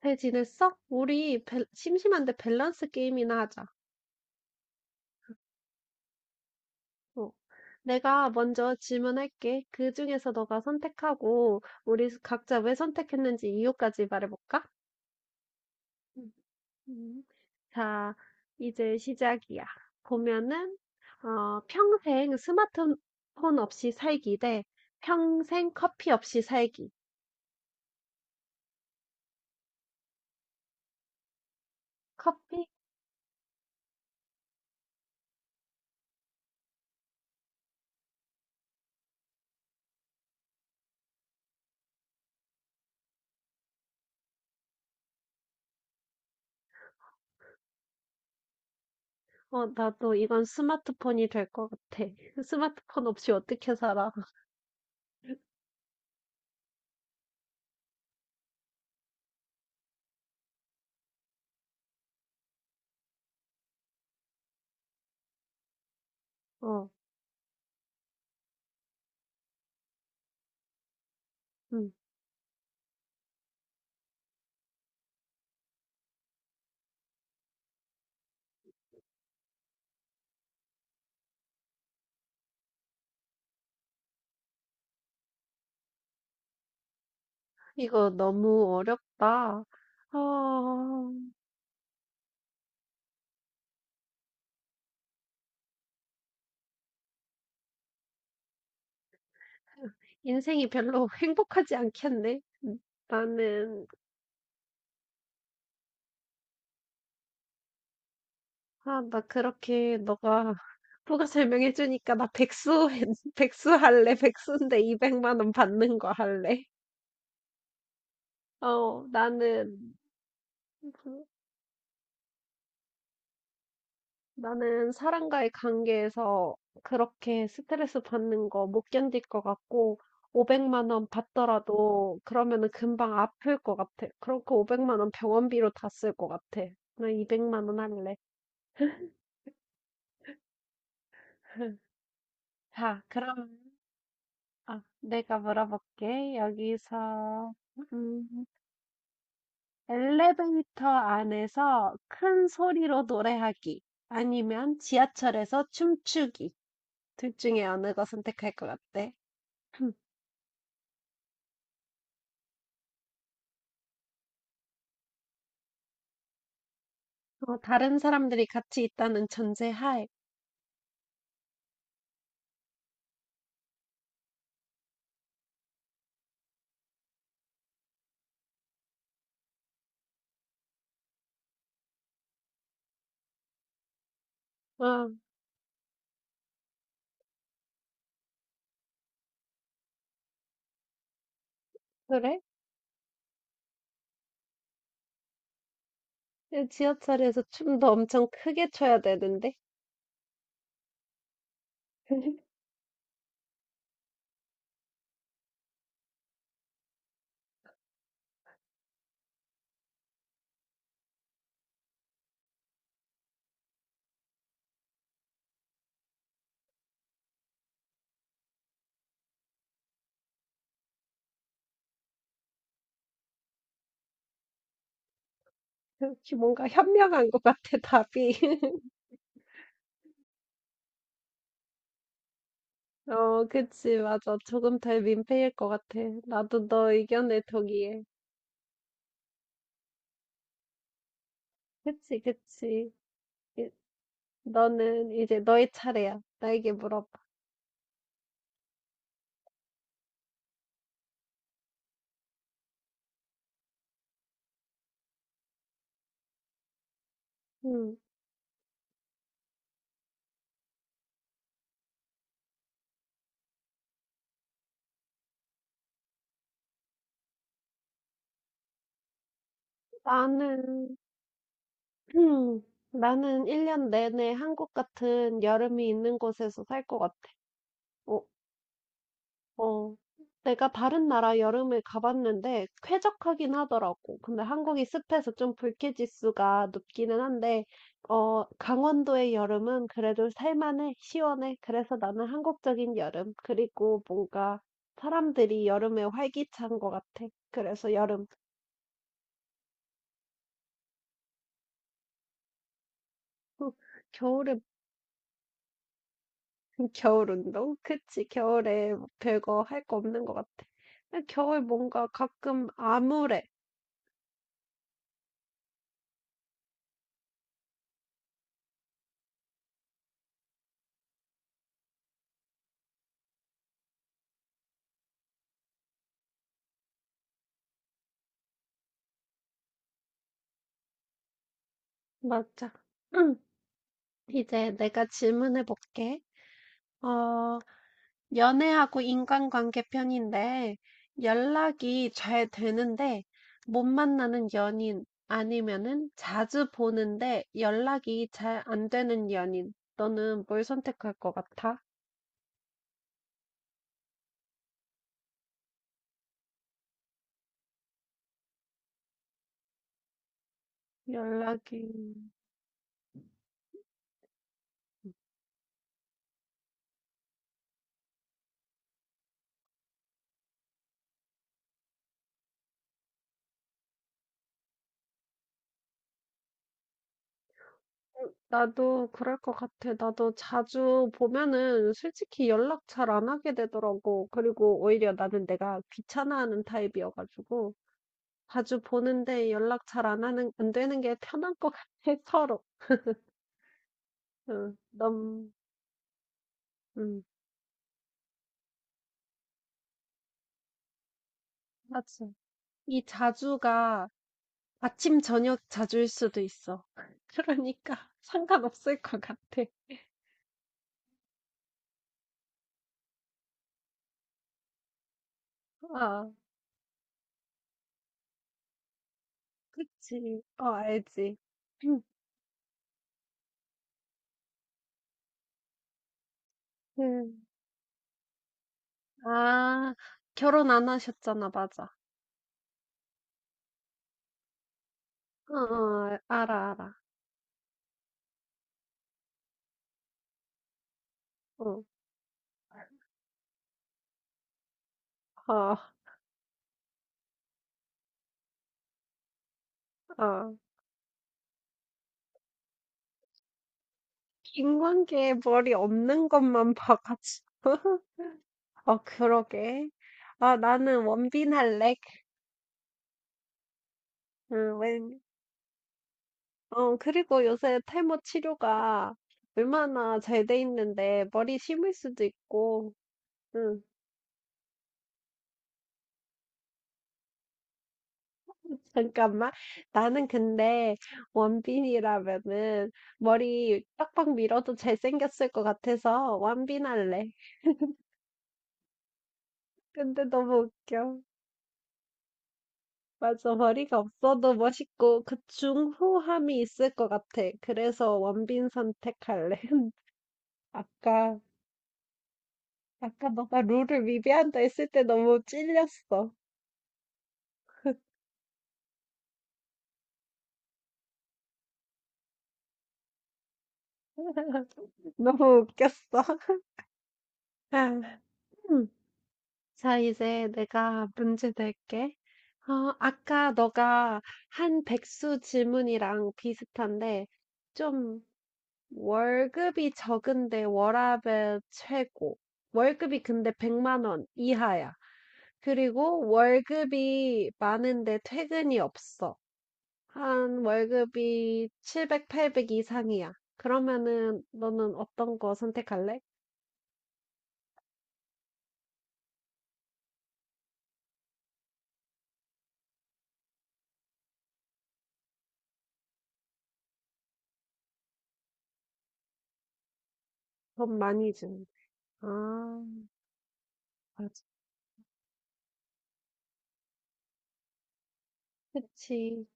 잘 지냈어? 우리 심심한데 밸런스 게임이나 하자. 어. 내가 먼저 질문할게. 그 중에서 너가 선택하고 우리 각자 왜 선택했는지 이유까지 말해볼까? 음, 음. 자, 이제 시작이야. 보면은 어, 평생 스마트폰 없이 살기 대 평생 커피 없이 살기. 커피? 어, 나도 이건 스마트폰이 될 것 같아. 스마트폰 없이 어떻게 살아? 어, 음, 이거 너무 어렵다. 어, 인생이 별로 행복하지 않겠네. 음, 나는, 아, 나 그렇게 너가 누가 설명해주니까 나 백수, 백수 할래. 백수인데 200만 원 받는 거 할래. 어, 나는 사람과의 관계에서 그렇게 스트레스 받는 거 못 견딜 것 같고, 500만 원 받더라도 그러면은 금방 아플 것 같아. 그러니까 500만 원 병원비로 다 쓸 것 같아. 나 200만 원 할래. 자, 그럼 아, 내가 물어볼게. 여기서 음, 엘리베이터 안에서 큰 소리로 노래하기 아니면 지하철에서 춤추기 둘 중에 어느 거 선택할 것 같아? 어, 다른 사람들이 같이 있다는 전제하에. 아, 그래? 지하철에서 춤도 엄청 크게 춰야 되는데? 이렇게 뭔가 현명한 것 같아, 답이. 어, 그치, 맞아. 조금 덜 민폐일 것 같아. 나도 너 의견에 동의해. 그치, 그치. 이- 너는 이제 너의 차례야. 나에게 물어봐. 음. 나는, 나는 1년 내내 한국 같은 여름이 있는 곳에서 살 것 같아. 어, 어. 내가 다른 나라 여름을 가봤는데 쾌적하긴 하더라고. 근데 한국이 습해서 좀 불쾌지수가 높기는 한데, 어, 강원도의 여름은 그래도 살만해, 시원해. 그래서 나는 한국적인 여름. 그리고 뭔가 사람들이 여름에 활기찬 것 같아. 그래서 여름. 겨울에 겨울 운동? 그치, 겨울에 뭐 별거 할거 없는 것 같아. 근데 겨울 뭔가 가끔 암울해. 맞아. 응. 이제 내가 질문해 볼게. 어, 연애하고 인간관계 편인데 연락이 잘 되는데 못 만나는 연인 아니면은 자주 보는데 연락이 잘 안 되는 연인. 너는 뭘 선택할 것 같아? 연락이. 어, 나도 그럴 것 같아. 나도 자주 보면은 솔직히 연락 잘 안 하게 되더라고. 그리고 오히려 나는 내가 귀찮아하는 타입이어가지고 자주 보는데 연락 잘 안 하는 안 되는 게 편한 것 같아 서로. 응, 너무 응, 맞아. 이 자주가 아침 저녁 자주일 수도 있어. 그러니까 상관없을 것 같아. 아, 그치. 어, 알지. 음. 음. 아, 결혼 안 하셨잖아, 맞아. 어, 어, 알아, 알아. 어, 어, 어. 인관계에 머리 없는 것만 봐가지고. 어, 그러게. 아, 나는 원빈 할래. 응, 웬, 어, 그리고 요새 탈모 치료가 얼마나 잘 돼 있는데 머리 심을 수도 있고. 응, 잠깐만. 나는 근데 원빈이라면은 머리 빡빡 밀어도 잘생겼을 것 같아서 원빈 할래. 근데 너무 웃겨. 맞아, 머리가 없어도 멋있고 그 중후함이 있을 것 같아. 그래서 원빈 선택할래. 아까, 아까 너가 룰을 위배한다 했을 때 너무 찔렸어. 너무 웃겼어. 아, 음. 자, 이제 내가 문제 낼게. 어, 아까 너가 한 백수 질문이랑 비슷한데, 좀 월급이 적은데 워라밸 최고. 월급이 근데 100만 원 이하야. 그리고 월급이 많은데 퇴근이 없어. 한 월급이 700, 800 이상이야. 그러면은 너는 어떤 거 선택할래? 돈 많이 주는. 아, 맞아. 그치.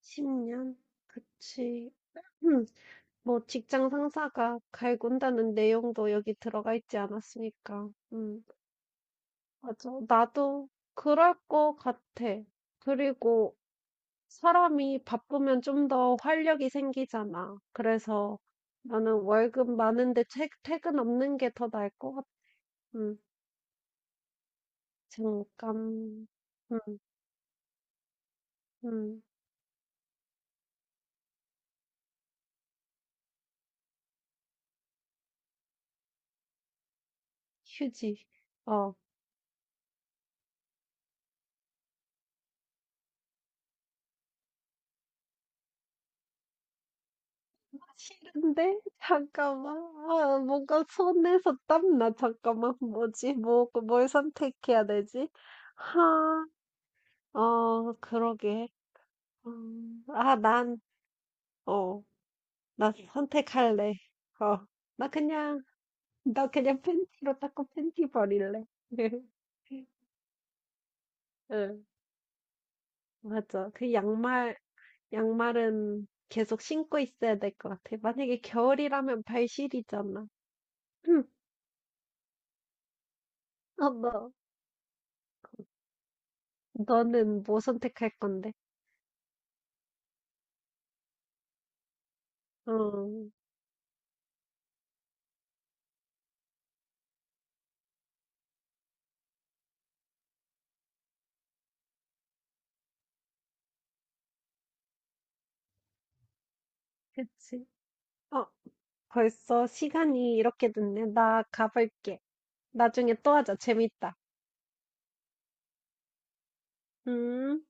10년? 그치. 뭐 직장 상사가 갈군다는 내용도 여기 들어가 있지 않았으니까. 맞아. 나도 그럴 것 같아. 그리고 사람이 바쁘면 좀 더 활력이 생기잖아. 그래서 나는 월급 많은데 퇴근 없는 게 더 나을 것 같아. 음, 잠깐. 음, 음, 휴지. 어. 싫은데? 잠깐만. 아, 뭔가 손에서 땀나. 잠깐만. 뭐지? 뭐, 뭘 선택해야 되지? 하, 어, 그러게. 아, 난, 어, 나 선택할래. 어, 나 그냥, 나 그냥 팬티로 닦고 팬티 버릴래. 응, 맞아. 그 양말, 양말은 계속 신고 있어야 될 것 같아. 만약에 겨울이라면 발시리잖아. 응, 어, 너, 너는 뭐 선택할 건데? 어, 그치. 어, 벌써 시간이 이렇게 됐네. 나 가볼게. 나중에 또 하자. 재밌다. 음.